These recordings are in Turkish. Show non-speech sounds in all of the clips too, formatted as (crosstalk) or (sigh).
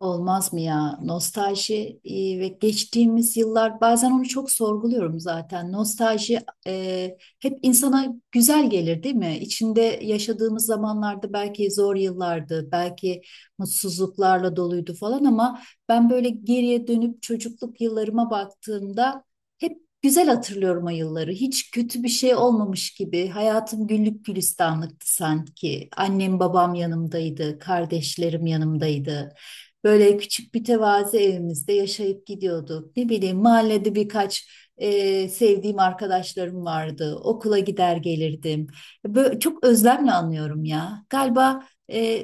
Olmaz mı ya? Nostalji ve geçtiğimiz yıllar bazen onu çok sorguluyorum zaten. Nostalji hep insana güzel gelir değil mi? İçinde yaşadığımız zamanlarda belki zor yıllardı, belki mutsuzluklarla doluydu falan ama ben böyle geriye dönüp çocukluk yıllarıma baktığımda hep güzel hatırlıyorum o yılları. Hiç kötü bir şey olmamış gibi. Hayatım güllük gülistanlıktı sanki. Annem babam yanımdaydı, kardeşlerim yanımdaydı. Böyle küçük bir tevazi evimizde yaşayıp gidiyorduk. Ne bileyim mahallede birkaç sevdiğim arkadaşlarım vardı. Okula gider gelirdim. Böyle, çok özlemle anlıyorum ya. Galiba e,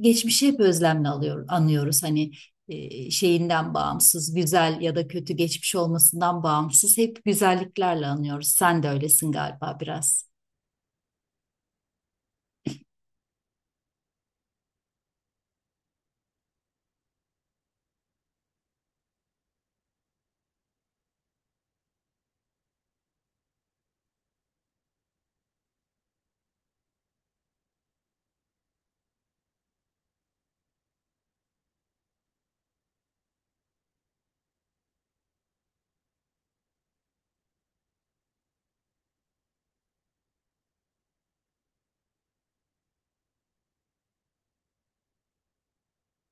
geçmişi hep özlemle alıyor, anlıyoruz. Hani şeyinden bağımsız, güzel ya da kötü geçmiş olmasından bağımsız hep güzelliklerle anıyoruz. Sen de öylesin galiba biraz.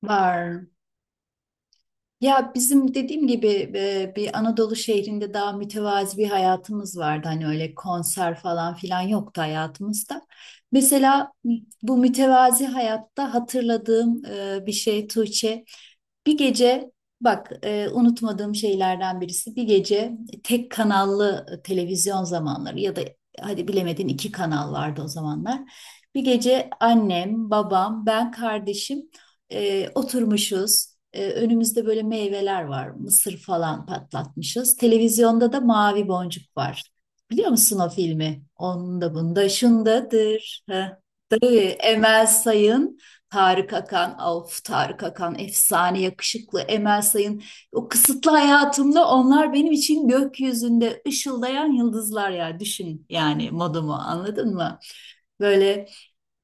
Var. Ya bizim dediğim gibi bir Anadolu şehrinde daha mütevazi bir hayatımız vardı. Hani öyle konser falan filan yoktu hayatımızda. Mesela bu mütevazi hayatta hatırladığım bir şey Tuğçe. Bir gece bak, unutmadığım şeylerden birisi, bir gece tek kanallı televizyon zamanları ya da hadi bilemedin iki kanal vardı o zamanlar. Bir gece annem, babam, ben, kardeşim oturmuşuz. Önümüzde böyle meyveler var. Mısır falan patlatmışız. Televizyonda da Mavi Boncuk var. Biliyor musun o filmi? Onda bunda şundadır. Ha, tabii Emel Sayın, Tarık Akan. Of, Tarık Akan efsane yakışıklı, Emel Sayın. O kısıtlı hayatımda onlar benim için gökyüzünde ışıldayan yıldızlar ya. Düşün yani, modumu anladın mı? Böyle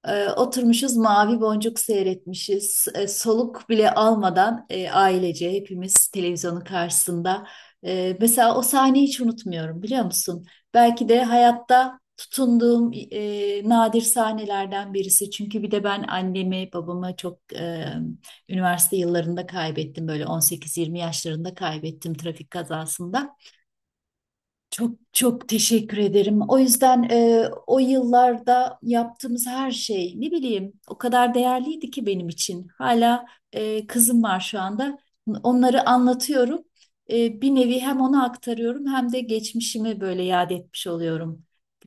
oturmuşuz Mavi Boncuk seyretmişiz. Soluk bile almadan ailece hepimiz televizyonun karşısında. Mesela o sahneyi hiç unutmuyorum, biliyor musun? Belki de hayatta tutunduğum nadir sahnelerden birisi. Çünkü bir de ben annemi, babamı çok üniversite yıllarında kaybettim. Böyle 18-20 yaşlarında kaybettim, trafik kazasında. Çok çok teşekkür ederim. O yüzden o yıllarda yaptığımız her şey, ne bileyim, o kadar değerliydi ki benim için. Hala kızım var şu anda. Onları anlatıyorum. Bir nevi hem ona aktarıyorum hem de geçmişimi böyle yad etmiş oluyorum.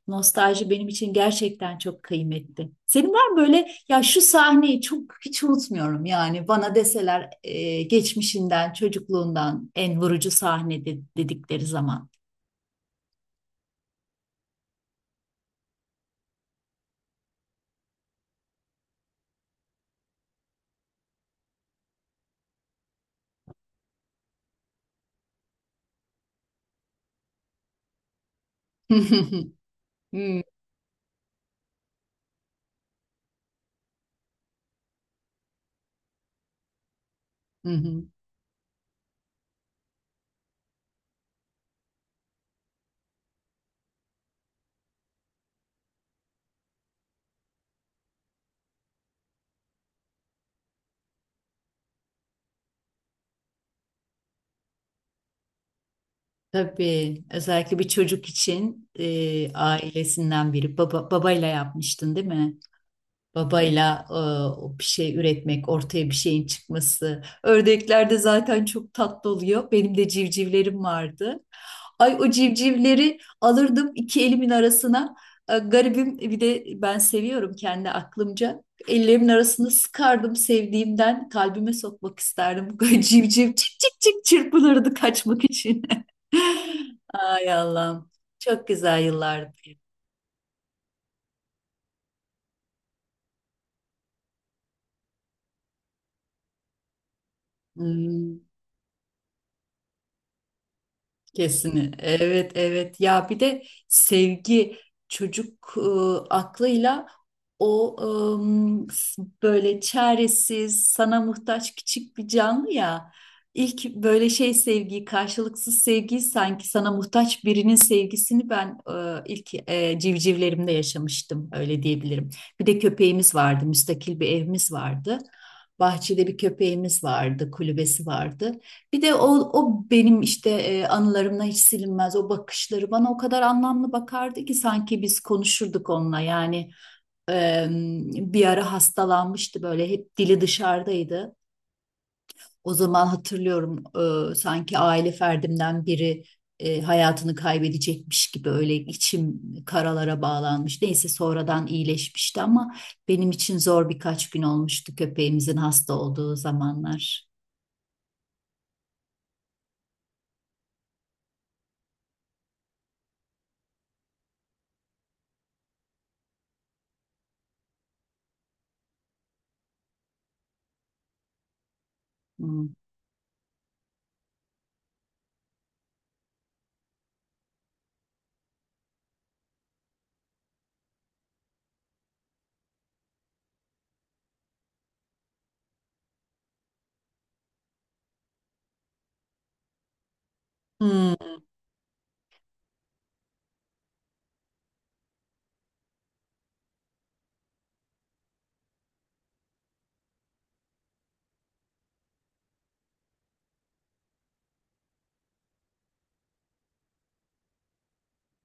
Nostalji benim için gerçekten çok kıymetli. Senin var mı böyle, ya şu sahneyi çok hiç unutmuyorum, yani bana deseler geçmişinden, çocukluğundan en vurucu sahne dedikleri zaman. (laughs) Hmm, hı hı. Tabii özellikle bir çocuk için ailesinden biri, babayla yapmıştın değil mi? Babayla o bir şey üretmek, ortaya bir şeyin çıkması. Ördeklerde zaten çok tatlı oluyor. Benim de civcivlerim vardı. Ay, o civcivleri alırdım iki elimin arasına. Garibim, bir de ben seviyorum kendi aklımca. Ellerimin arasını sıkardım sevdiğimden. Kalbime sokmak isterdim. (laughs) Civciv çık çık çık çırpınırdı kaçmak için. (laughs) Ay Allah'ım. Çok güzel yıllardı. Hmm. Kesin. Evet, evet. Ya bir de sevgi, çocuk aklıyla o böyle çaresiz, sana muhtaç küçük bir canlı ya. İlk böyle şey, sevgiyi, karşılıksız sevgiyi, sanki sana muhtaç birinin sevgisini ben ilk civcivlerimde yaşamıştım, öyle diyebilirim. Bir de köpeğimiz vardı, müstakil bir evimiz vardı. Bahçede bir köpeğimiz vardı, kulübesi vardı. Bir de o benim işte anılarımdan hiç silinmez, o bakışları bana o kadar anlamlı bakardı ki sanki biz konuşurduk onunla, yani e, bir ara hastalanmıştı, böyle hep dili dışarıdaydı. O zaman hatırlıyorum, sanki aile ferdimden biri hayatını kaybedecekmiş gibi, öyle içim karalara bağlanmış. Neyse sonradan iyileşmişti ama benim için zor birkaç gün olmuştu köpeğimizin hasta olduğu zamanlar. Hmm. Hmm.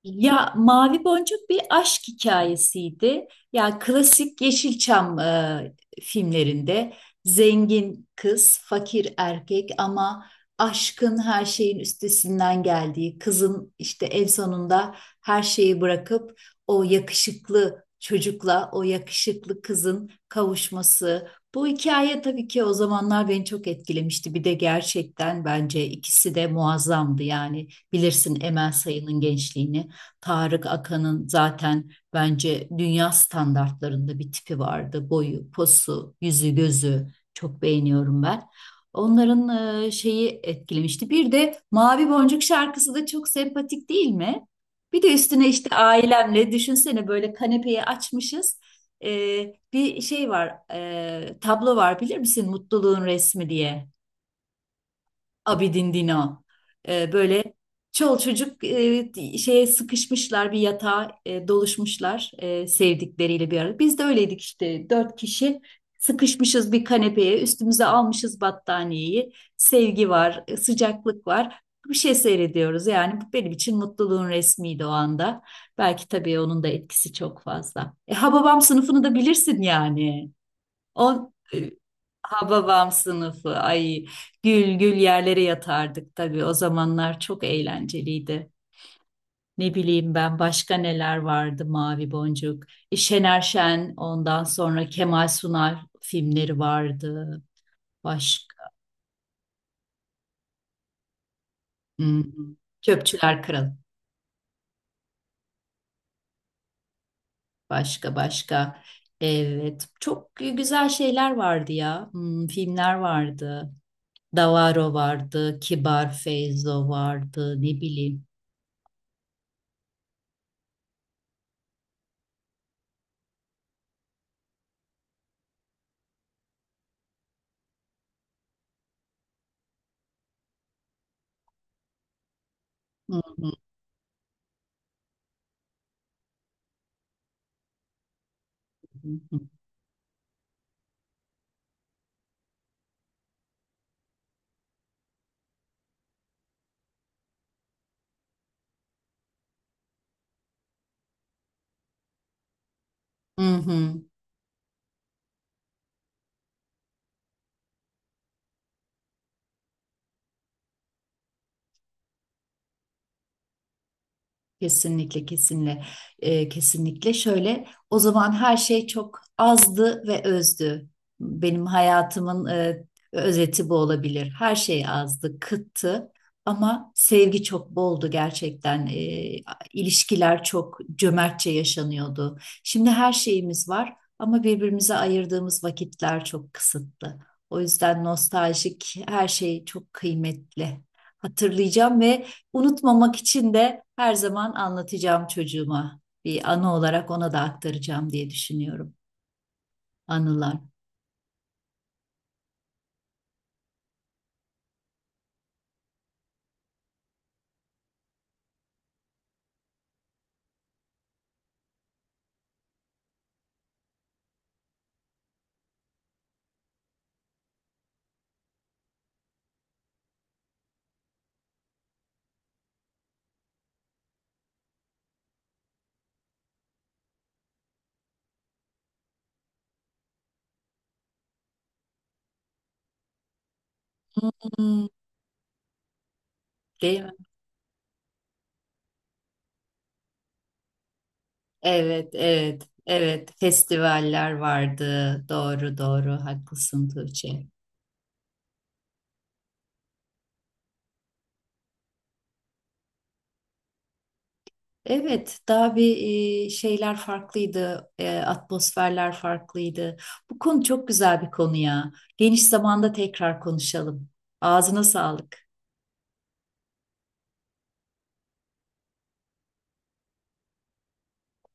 Ya Mavi Boncuk bir aşk hikayesiydi. Ya klasik Yeşilçam filmlerinde zengin kız, fakir erkek ama aşkın her şeyin üstesinden geldiği, kızın işte en sonunda her şeyi bırakıp o yakışıklı çocukla o yakışıklı kızın kavuşması. Bu hikaye tabii ki o zamanlar beni çok etkilemişti. Bir de gerçekten bence ikisi de muazzamdı, yani bilirsin Emel Sayın'ın gençliğini. Tarık Akan'ın zaten bence dünya standartlarında bir tipi vardı. Boyu, posu, yüzü, gözü çok beğeniyorum ben. Onların şeyi etkilemişti. Bir de Mavi Boncuk şarkısı da çok sempatik değil mi? Bir de üstüne işte ailemle düşünsene, böyle kanepeyi açmışız. E, bir şey var, tablo var, bilir misin? Mutluluğun resmi diye. Abidin Dino. Böyle çol çocuk şeye sıkışmışlar, bir yatağa doluşmuşlar sevdikleriyle bir arada. Biz de öyleydik işte, dört kişi sıkışmışız bir kanepeye, üstümüze almışız battaniyeyi. Sevgi var, sıcaklık var. Bir şey seyrediyoruz, yani bu benim için mutluluğun resmiydi o anda. Belki tabii onun da etkisi çok fazla. Hababam Sınıfı'nı da bilirsin yani. O e, Hababam Sınıfı. Ay, gül gül yerlere yatardık tabii. O zamanlar çok eğlenceliydi. Ne bileyim ben, başka neler vardı? Mavi Boncuk. Şener Şen, ondan sonra Kemal Sunal filmleri vardı. Başka. Hmm. Çöpçüler Kralı. Başka başka. Evet. Çok güzel şeyler vardı ya. Hmm, filmler vardı. Davaro vardı. Kibar Feyzo vardı. Ne bileyim. Hı hı hı. Hı. Hı hı. Kesinlikle, kesinlikle. Kesinlikle. Şöyle, o zaman her şey çok azdı ve özdü. Benim hayatımın özeti bu olabilir. Her şey azdı, kıttı ama sevgi çok boldu gerçekten. İlişkiler çok cömertçe yaşanıyordu. Şimdi her şeyimiz var ama birbirimize ayırdığımız vakitler çok kısıtlı. O yüzden nostaljik her şey çok kıymetli. Hatırlayacağım ve unutmamak için de her zaman anlatacağım çocuğuma. Bir anı olarak ona da aktaracağım diye düşünüyorum. Anılar. Hmm, değil mi? Evet, evet, evet. Festivaller vardı. Doğru, doğru. Haklısın Tuğçe. Evet, daha bir şeyler farklıydı. Atmosferler farklıydı. Bu konu çok güzel bir konu ya. Geniş zamanda tekrar konuşalım. Ağzına sağlık.